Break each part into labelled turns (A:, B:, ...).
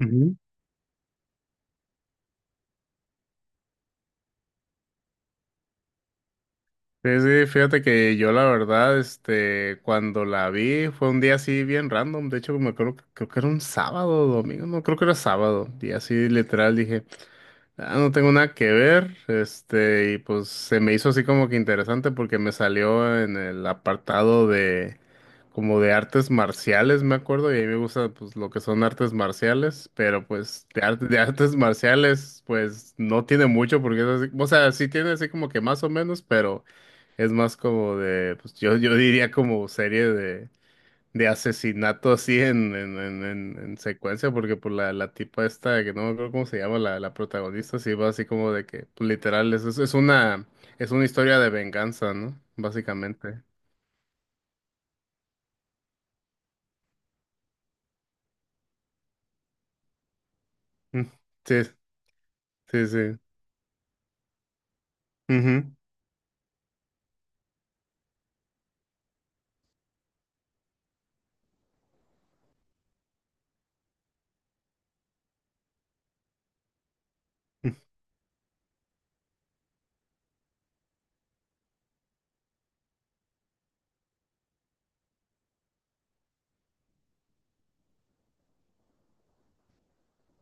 A: Ujú. Sí, sí, fíjate que yo la verdad, cuando la vi fue un día así bien random. De hecho me acuerdo, creo que era un sábado o domingo. No, creo que era sábado, y así literal dije: "Ah, no tengo nada que ver". Y pues se me hizo así como que interesante porque me salió en el apartado de como de artes marciales, me acuerdo, y a mí me gusta pues lo que son artes marciales, pero pues de artes marciales pues no tiene mucho porque es así, o sea, sí tiene así como que más o menos, pero es más como de, pues yo diría como serie de asesinato así en secuencia, porque por la tipa esta, que no me acuerdo cómo se llama, la protagonista, sí va así como de que, pues, literal, es una historia de venganza, ¿no? Básicamente. Mm, sí, sí, sí. Ujú,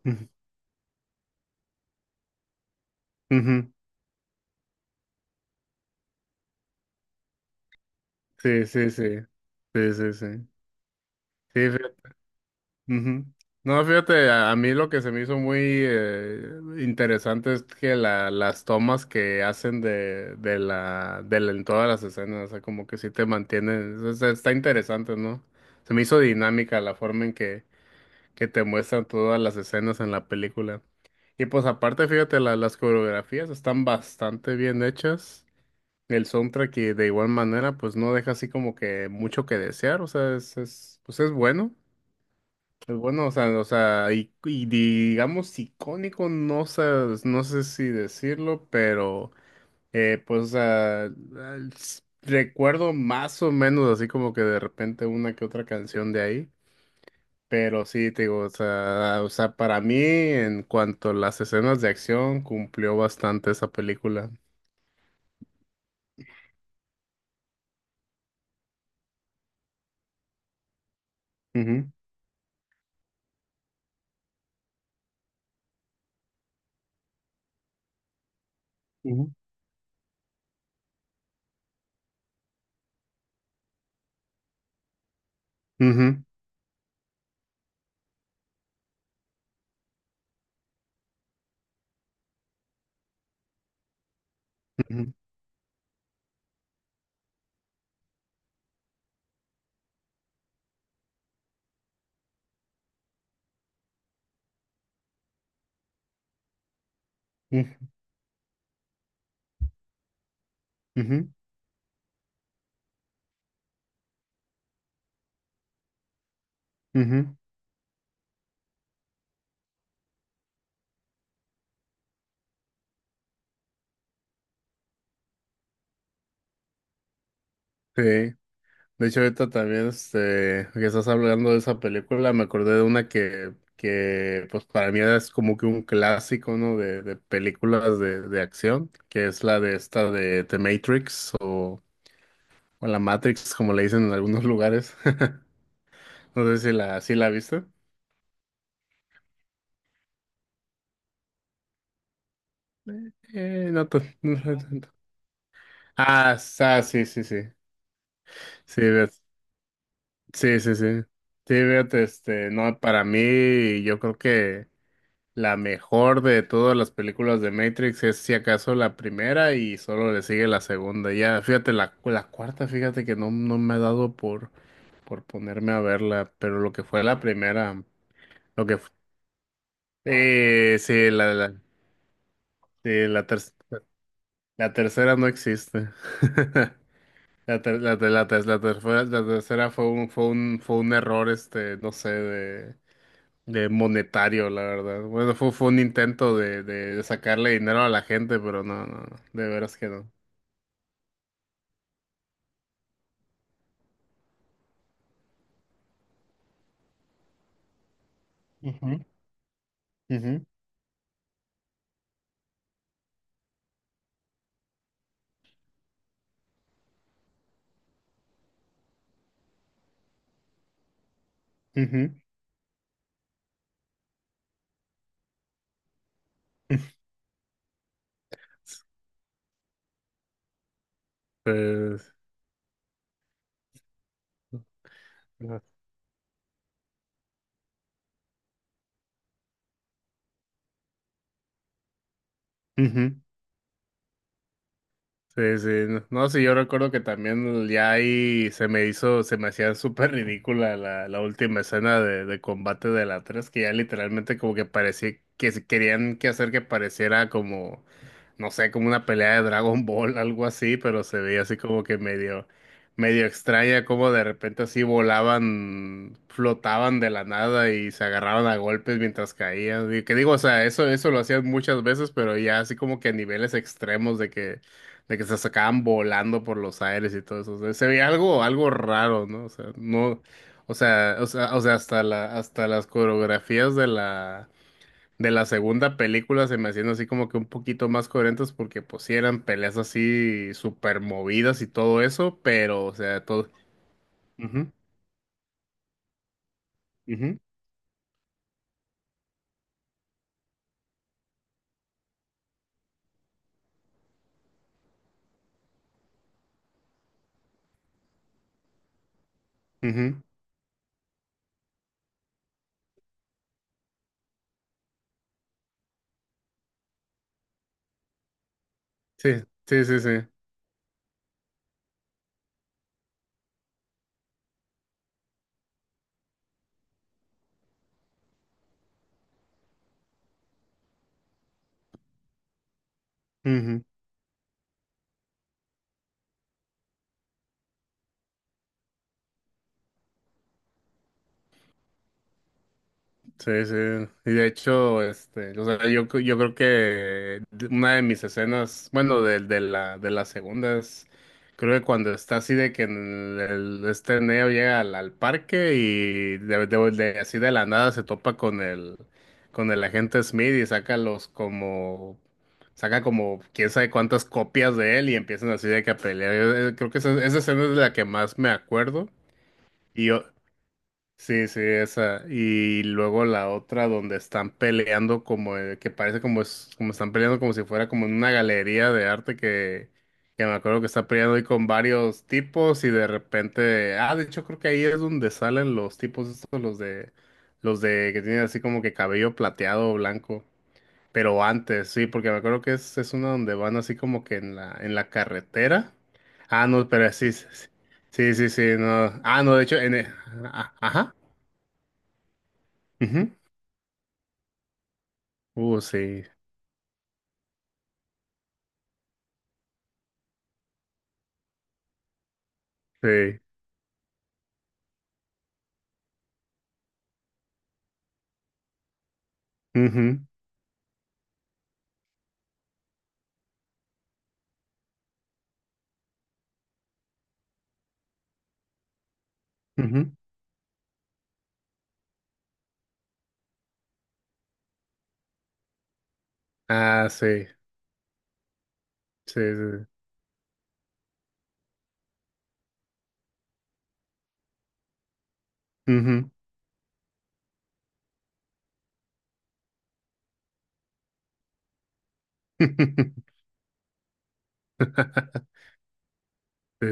A: ujú, ujú. Sí, sí, sí. Sí, sí, sí. Sí, ujú. No, fíjate, a mí lo que se me hizo muy interesante es que las tomas que hacen en todas las escenas, o sea, como que sí te mantienen, o sea, está interesante, ¿no? Se me hizo dinámica la forma en que te muestran todas las escenas en la película. Y pues aparte, fíjate, las coreografías están bastante bien hechas. El soundtrack y de igual manera pues no deja así como que mucho que desear, o sea, pues es bueno. Pues bueno, o sea, y digamos icónico, no sé, no sé si decirlo, pero pues o sea, recuerdo más o menos así como que de repente una que otra canción de ahí, pero sí, te digo, o sea, para mí en cuanto a las escenas de acción cumplió bastante esa película. Ujú, ujú, ujú, ujú, ujú, ujú, ujú. Sí. De hecho, ahorita también, que estás hablando de esa película, me acordé de una que pues para mí es como que un clásico, ¿no? De películas de acción, que es la de esta de The Matrix o la Matrix, como le dicen en algunos lugares. No sé si la viste. No, no fue tanto. Ah, sí, sí, sí. Sí, sí, sí, sí. Sí, fíjate, no, para mí, yo creo que. La mejor de todas las películas de Matrix es si acaso la primera y solo le sigue la segunda. Ya, fíjate, la cuarta, fíjate que no, no me ha dado por ponerme a verla, pero lo que fue la primera, lo que fue, sí, la, sí, la, ter- la tercera no existe. La tercera fue fue un error, no sé, de monetario, la verdad. Bueno, fue un intento de sacarle dinero a la gente, pero no, no, no, de veras que no. Ujú, ujú, ujú. Pues, ujú. Sí, sí, no, no, sí, yo recuerdo que también ya ahí se me hacía súper ridícula la última escena de combate de la tres, que ya literalmente como que parecía que se querían que hacer que pareciera como, no sé, como una pelea de Dragon Ball, algo así, pero se veía así como que medio extraña, como de repente así volaban, flotaban de la nada y se agarraban a golpes mientras caían. Y que digo, o sea, eso lo hacían muchas veces, pero ya así como que a niveles extremos de que se sacaban volando por los aires y todo eso. O sea, se veía algo, algo raro, ¿no? O sea, no, o sea, o sea, o sea, hasta hasta las coreografías de la segunda película se me hacían así como que un poquito más coherentes porque pues sí eran peleas así súper movidas y todo eso, pero, o sea, todo. Ujú, ujú, ujú. Sí, sí, sí, sí. Ujú. Sí, sí. Y de hecho, o sea, yo creo que una de mis escenas, bueno, de la segunda es, creo que cuando está así de que en el, este Neo llega al parque y así de la nada se topa con el agente Smith y saca como quién sabe cuántas copias de él y empiezan así de que a pelear. Yo, creo que esa escena es de la que más me acuerdo. Sí, sí, esa. Y luego la otra donde están peleando como que parece como es, como están peleando como si fuera como en una galería de arte que me acuerdo que está peleando ahí con varios tipos y de repente, ah, de hecho creo que ahí es donde salen los tipos estos, los de que tienen así como que cabello plateado o blanco. Pero antes, sí, porque me acuerdo que es una donde van así como que en la carretera. Ah, no, pero sí, sí, sí, sí, sí, no. Ah, no, de hecho, ah, ajá. Ujú. Sí, sí. Ujú, ujú. Ah, sí, sí, sí. Ujú. Sí,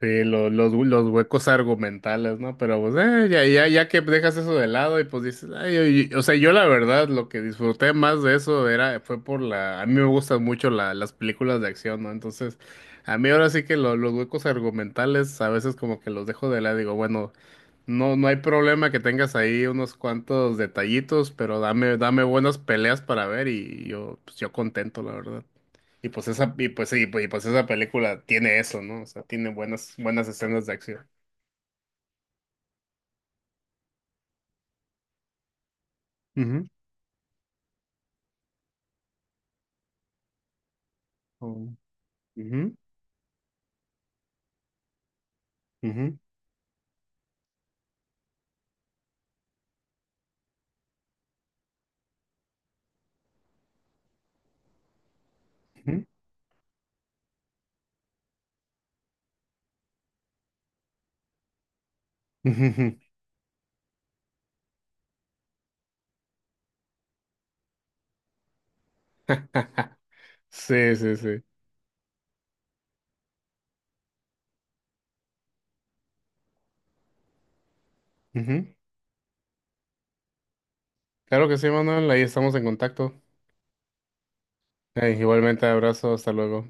A: sí, los huecos argumentales, ¿no? Pero pues, ya, ya, ya que dejas eso de lado y pues dices, ay, oye, o sea, yo la verdad lo que disfruté más de eso era, fue por la, a mí me gustan mucho las películas de acción, ¿no? Entonces, a mí ahora sí que los huecos argumentales a veces como que los dejo de lado, digo, bueno, no, no hay problema que tengas ahí unos cuantos detallitos, pero dame, dame buenas peleas para ver y yo, pues yo contento, la verdad. Y pues esa, y pues sí, pues- Y pues esa película tiene eso, ¿no? O sea, tiene buenas, buenas escenas de acción. Ujú. Oh. Ujú, ujú, ujú, ujú. Sí, sí, sí. Ujú. Claro que sí, Manuel, ahí estamos en contacto. Igualmente, abrazo, hasta luego.